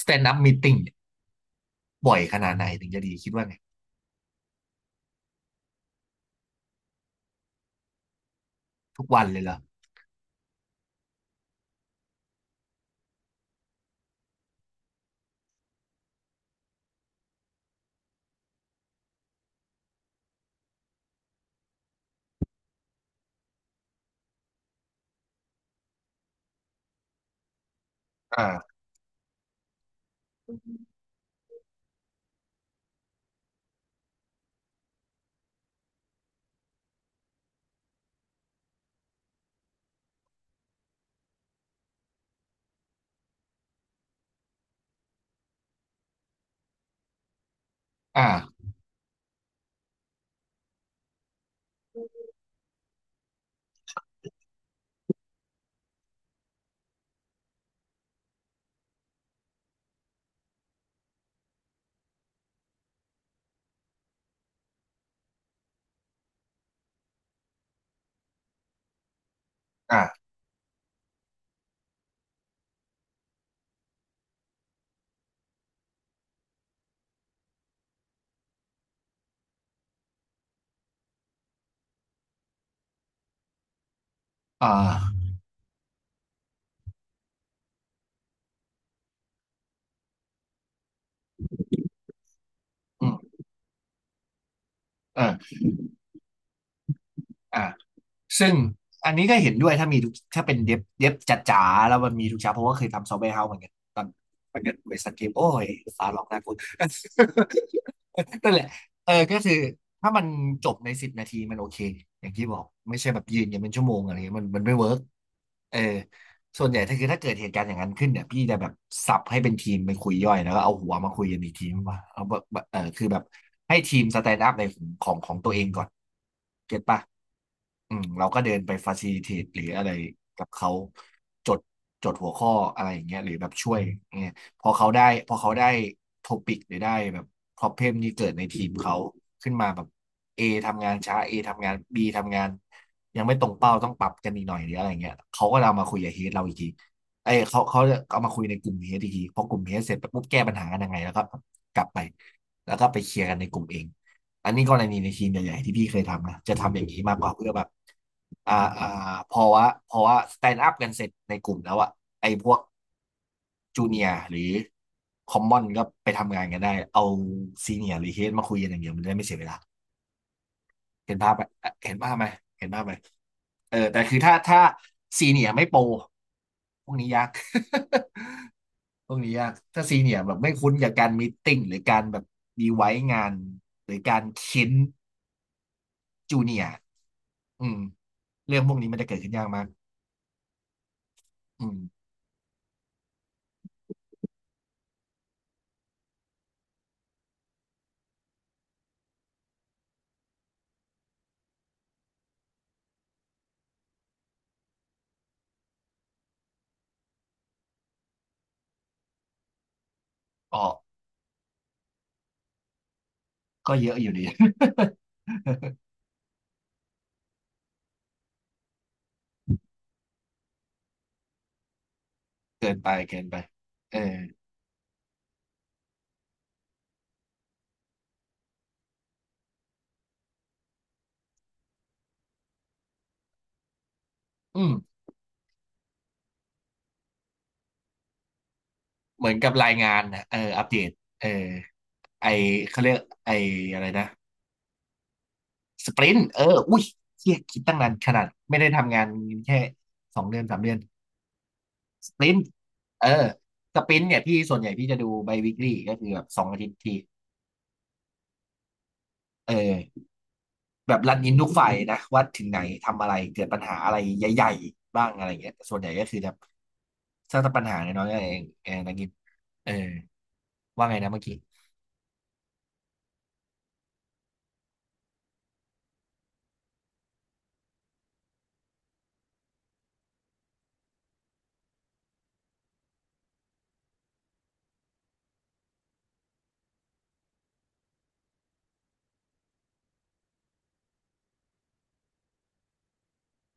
สแตนด์อัพมีตติ่งบ่อยขนาดไหนถึงจะดีคิดว่าไงทุกวันเลยเหรออ่าอ่าอ่าอ่าอืมเอออ่าซึ่งอันนี้ก็เห็นด้วยถ้ามีทุกถ้าเป็นเดฟเดฟจ๋าๆแล้วมันมีทุกเช้าเพราะว่าเคยทำซอฟต์แวร์เฮาส์เหมือนกันตอนตอนเกิดบริษัทเกมโอ้ยฟ้าร้องน่ากลัว นั่นแหละเออก็คือถ้ามันจบในสิบนาทีมันโอเคอย่างที่บอกไม่ใช่แบบยืนกันเป็นชั่วโมงอะไรเงี้ยมันมันไม่เวิร์กเออ ส่วนใหญ่ถ้าคือถ้าเกิดเหตุการณ์อย่างนั้นขึ้นเนี่ยพี่จะแบบสับให้เป็นทีมไปคุยย่อยแล้วก็เอาหัวมาคุยกันอีกทีว่าเอาแบบเออคือแบบให้ทีมสแตนด์อัพในของของของตัวเองก่อนเก็ตปะอืมเราก็เดินไปฟาซิลิเทตหรืออะไรกับเขาจดจดหัวข้ออะไรอย่างเงี้ยหรือแบบช่วยอย่างเงี้ยพอเขาได้พอเขาได้โทปิกหรือได้แบบพรอเพมที่เกิดในทีมเขาขึ้นมาแบบ A ทำงานช้า A ทำงาน B ทำงาน ยังไม่ตรงเป้าต้องปรับกันอีกหน่อยหรืออะไรเงี้ยเขาก็เอามาคุยกับเฮดเราอีกทีไอ้ยเขาเขาจเอามาคุยในกลุ่มเฮดอีกทีพอกลุ่มเฮดเสร็จไปปุ๊บแก้ปัญหากันยังไงแล้วก็กลับไปแล้วก็ไปเคลียร์กันในกลุ่มเองอันนี้กรณีในทีมใหญ่ๆที่พี่เคยทำนะจะทำอย่างนี้มากกว่าเพื่อแบบอ่าอ่าพอว่าพอว่าสแตนด์อัพกันเสร็จในกลุ่มแล้วอะไอ้พวกจูเนียร์หรือคอมมอนก็ไปทำงานกันได้เอาซีเนียร์หรือเฮดมาคุยกันอย่างเดียวมันจะได้ไม่เสียเวลาเห็นภาพไหมเห็นภาพไหมเห็นภาพไหม เออแต่คือถ้าถ้าซีเนียไม่โปรพวกนี้ยาก พวกนี้ยากถ้าซีเนียแบบไม่คุ้นกับการมีตติ้งหรือการแบบดีไว้งานหรือการเค้นจูเนียอืมเรื่องพวกนี้มันจะเกิดขึ้นยากมากอืมออกก็เยอะอยู่ดี เกินไปเกินไปเอออืมเหมือนกับรายงานนะเอออัปเดตเออไอเขาเรียกไออะไรนะสปรินต์เอออุ้ยเฮียคิดตั้งนานขนาดไม่ได้ทำงานแค่สองเดือนสามเดือน สปรินต์เออสปรินต์เนี่ยพี่ส่วนใหญ่พี่จะดูไบวิกลี่ก็คือแบบสองอาทิตย์ทีเออแบบรันอินทุกฝ่ายนะว่าถึงไหนทำอะไรเกิดปัญหาอะไรใหญ่ๆบ้างอะไรเงี้ยแต่ส่วนใหญ่ก็คือแบบสร้างแต่ปัญหาน้อยๆนั่นเองเออนักกินเออว่าไงนะเมื่อกี้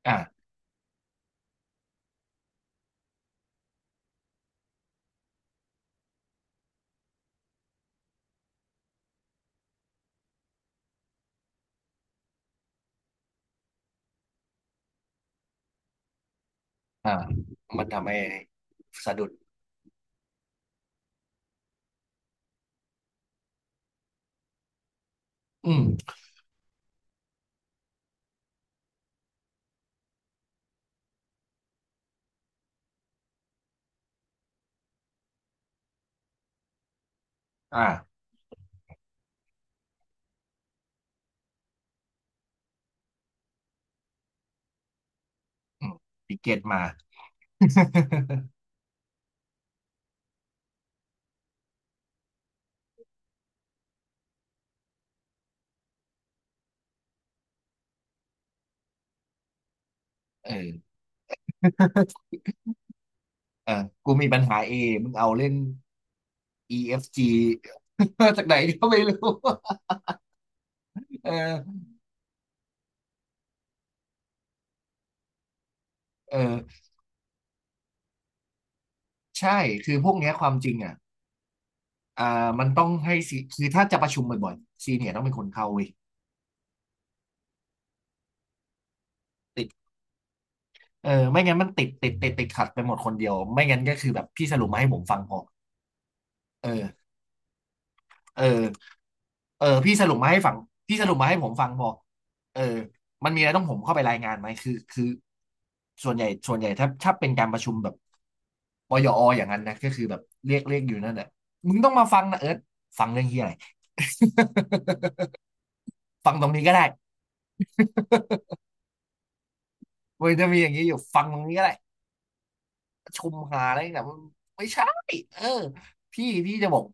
อ่าอ่ามันทำให้สะดุดอืมอ่าอืมปิเกตมา เออเออกูมีปัญหาเอมึงเอาเล่น EFG จ จากไหนก็ไม่รู้ เออเออใช่คือพวกเนี้ยความจริงอ่ะอ่ามันต้องให้ซีคือถ้าจะประชุมบ่อยๆซีเนียร์ต้องเป็นคนเข้าเว้ยติดเออไม่งั้นมันติดติดติดติดขัดไปหมดคนเดียวไม่งั้นก็คือแบบพี่สรุปมาให้ผมฟังพอเออเออเออพี่สรุปมาให้ฟังพี่สรุปมาให้ผมฟังพอเออมันมีอะไรต้องผมเข้าไปรายงานไหม คือคือส่วนใหญ่ส่วนใหญ่ถ้าถ้าเป็นการประชุมแบบปยออย่างนั้นนะก็คือแบบเรียกเรียกอยู่นั่นแหละมึงต้องมาฟังนะเอิร์ธฟังเรื่องที่อะไร ฟังตรงนี้ก็ได้มันจะมีอย่างนี้อยู่ฟังตรงนี้ก็ได้ชมหาอะไรแต่มันไม่ใช่เออพี่พี่จะบอก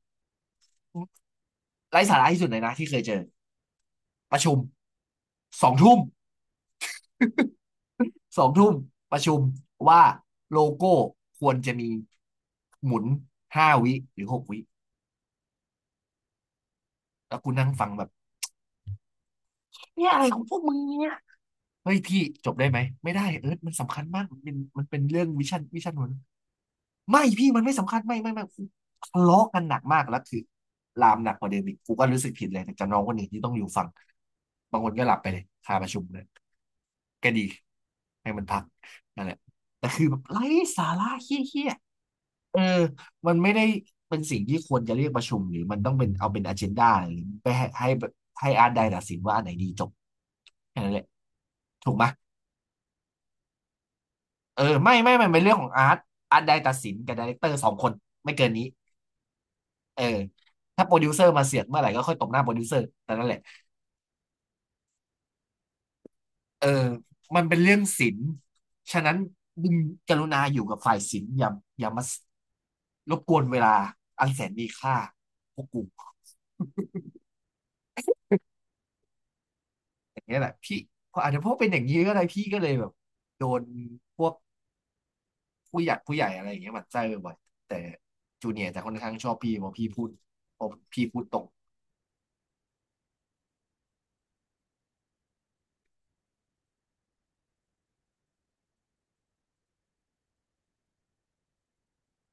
ไร้สาระที่สุดเลยนะที่เคยเจอประชุมสองทุ่มสองทุ่มประชุมว่าโลโก้ควรจะมีหมุนห้าวิหรือหกวิแล้วคุณนั่งฟังแบบเนี่ยอะไรของพวกมึงเนี่ยเฮ้ยพี่จบได้ไหมไม่ได้เอร์ธมันสำคัญมากมันเป็นมันเป็นเรื่องวิชั่นวิชั่นหัว ไม่พี่มันไม่สำคัญไม่ไม่ไม่กูทะเลาะกันหนักมากแล้วคือลามหนักกว่าเดิมอีกกูก็รู้สึกผิดเลยแต่กับน้องคนอื่นที่ต้องอยู่ฟังบางคนก็หลับไปเลยคาประชุมเลยก็ดีให้มันพักนั่นแหละแต่คือแบบไร้สาระเฮี้ยๆเออมันไม่ได้เป็นสิ่งที่ควรจะเรียกประชุมหรือมันต้องเป็นเอาเป็นอเจนดาหรือไปให้ให้ให้อาร์ตไดตัดสินว่าอันไหนดีจบแค่นั้นแหละถูกไหมยเออไม่ไม่ไม่เป็นเรื่องของอาร์ตอาร์ตไดตัดสินกับไดเรคเตอร์สองคนไม่เกินนี้ เออถ้าโปรดิวเซอร์มาเสียดเมื่อไหร่ก็ค่อยตบหน้าโปรดิวเซอร์แต่นั่นแหละเออมันเป็นเรื่องศิลป์ฉะนั้นมึงกรุณาอยู่กับฝ่ายศิลป์อย่ามารบกวนเวลาอันแสนมีค่าพวกกูอย่างเงี้ยแหละพี่พออาจจะเพราะเป็นอย่างนี้ก็ได้พี่ก็เลยแบบโดนพวกผู้ใหญ่อะไรอย่างเงี้ยหมั่นไส้บ่อยๆแต่จูเนียร์จะค่อนข้างชอบพี่เพราะพี่พูดตรง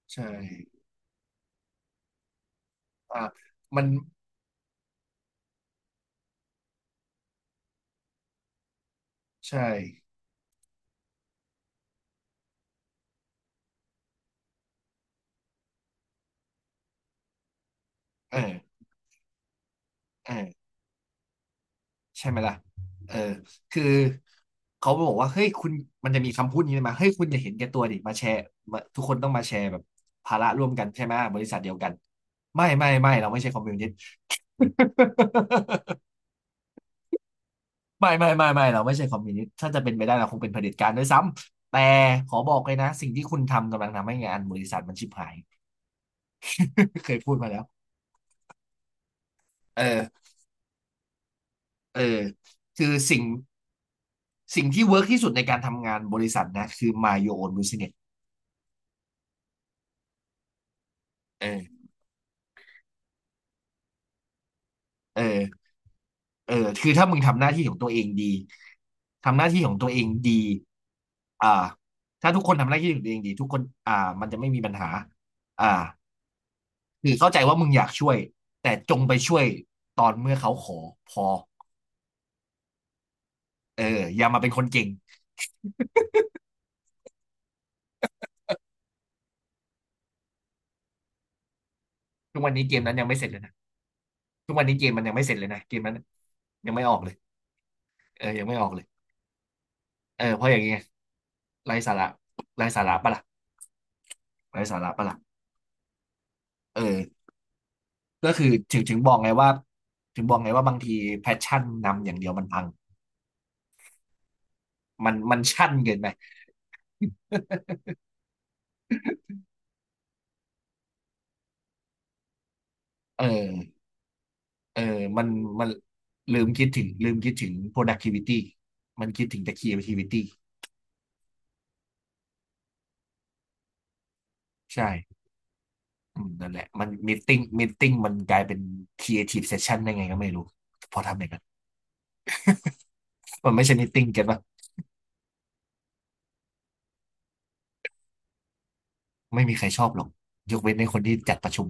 ใช่อ่ามันใช่เออเออ ใช่ไหมล่ะเออคือเขาบอกว่าเฮ้ยคุณมันจะมีคำพูดนี้มาเฮ้ยคุณอย่าเห็นแก่ตัวดิมาแชร์มาทุกคนต้องมาแชร์แบบภาระร่วมกันใช่ไหมบริษัทเดียวกันไม่เราไม่ใช่คอมมิวนิสต์ ไม่เราไม่ใช่คอมมิวนิสต์ถ้าจะเป็นไปได้เราคงเป็นเผด็จการด้วยซ้ำแต่ขอบอกเลยนะ สิ่งที่คุณทำกำลังทำให้งานบริษัทมันชิบหาย เคยพูดมาแล้วเออเออคือสิ่งที่เวิร์กที่สุดในการทำงานบริษัทนะคือ mind your own business เออ เออเออคือถ้ามึงทำหน้าที่ของตัวเองดีทำหน้าที่ของตัวเองดีอ่าถ้าทุกคนทำหน้าที่ของตัวเองดีทุกคนมันจะไม่มีปัญหาอ่าคือเข้าใจว่ามึงอยากช่วยแต่จงไปช่วยตอนเมื่อเขาขอพอเอออย่ามาเป็นคนเก่งทุกวันนี้เกมนั้นยังไม่เสร็จเลยนะทุกวันนี้เกมมันยังไม่เสร็จเลยนะเกมนั้นยังไม่ออกเลยเออยังไม่ออกเลยเออเพราะอย่างเงี้ยไร้สาระไร้สาระปะล่ะไร้สาระปะล่ะเออ ก็คือถึงถึงบอกไงว่าถึงบอกไงว่าบางทีแพชชั่นนำอย่างเดียวมันพังมันมันชั่นเกินไปเออเออมันมันลืมคิดถึง productivity มันคิดถึงแต่ creativity ใช่อืมนั่นแหละมันมีติ้งมันกลายเป็น creative session ได้ไงก็ไม่รู้พอทำอย่างนั้นมันไม่ใช่มีติ้งเก็ตป่ะไม่มีใครชอบหรอกยกเว้นในคนที่จัดประชุม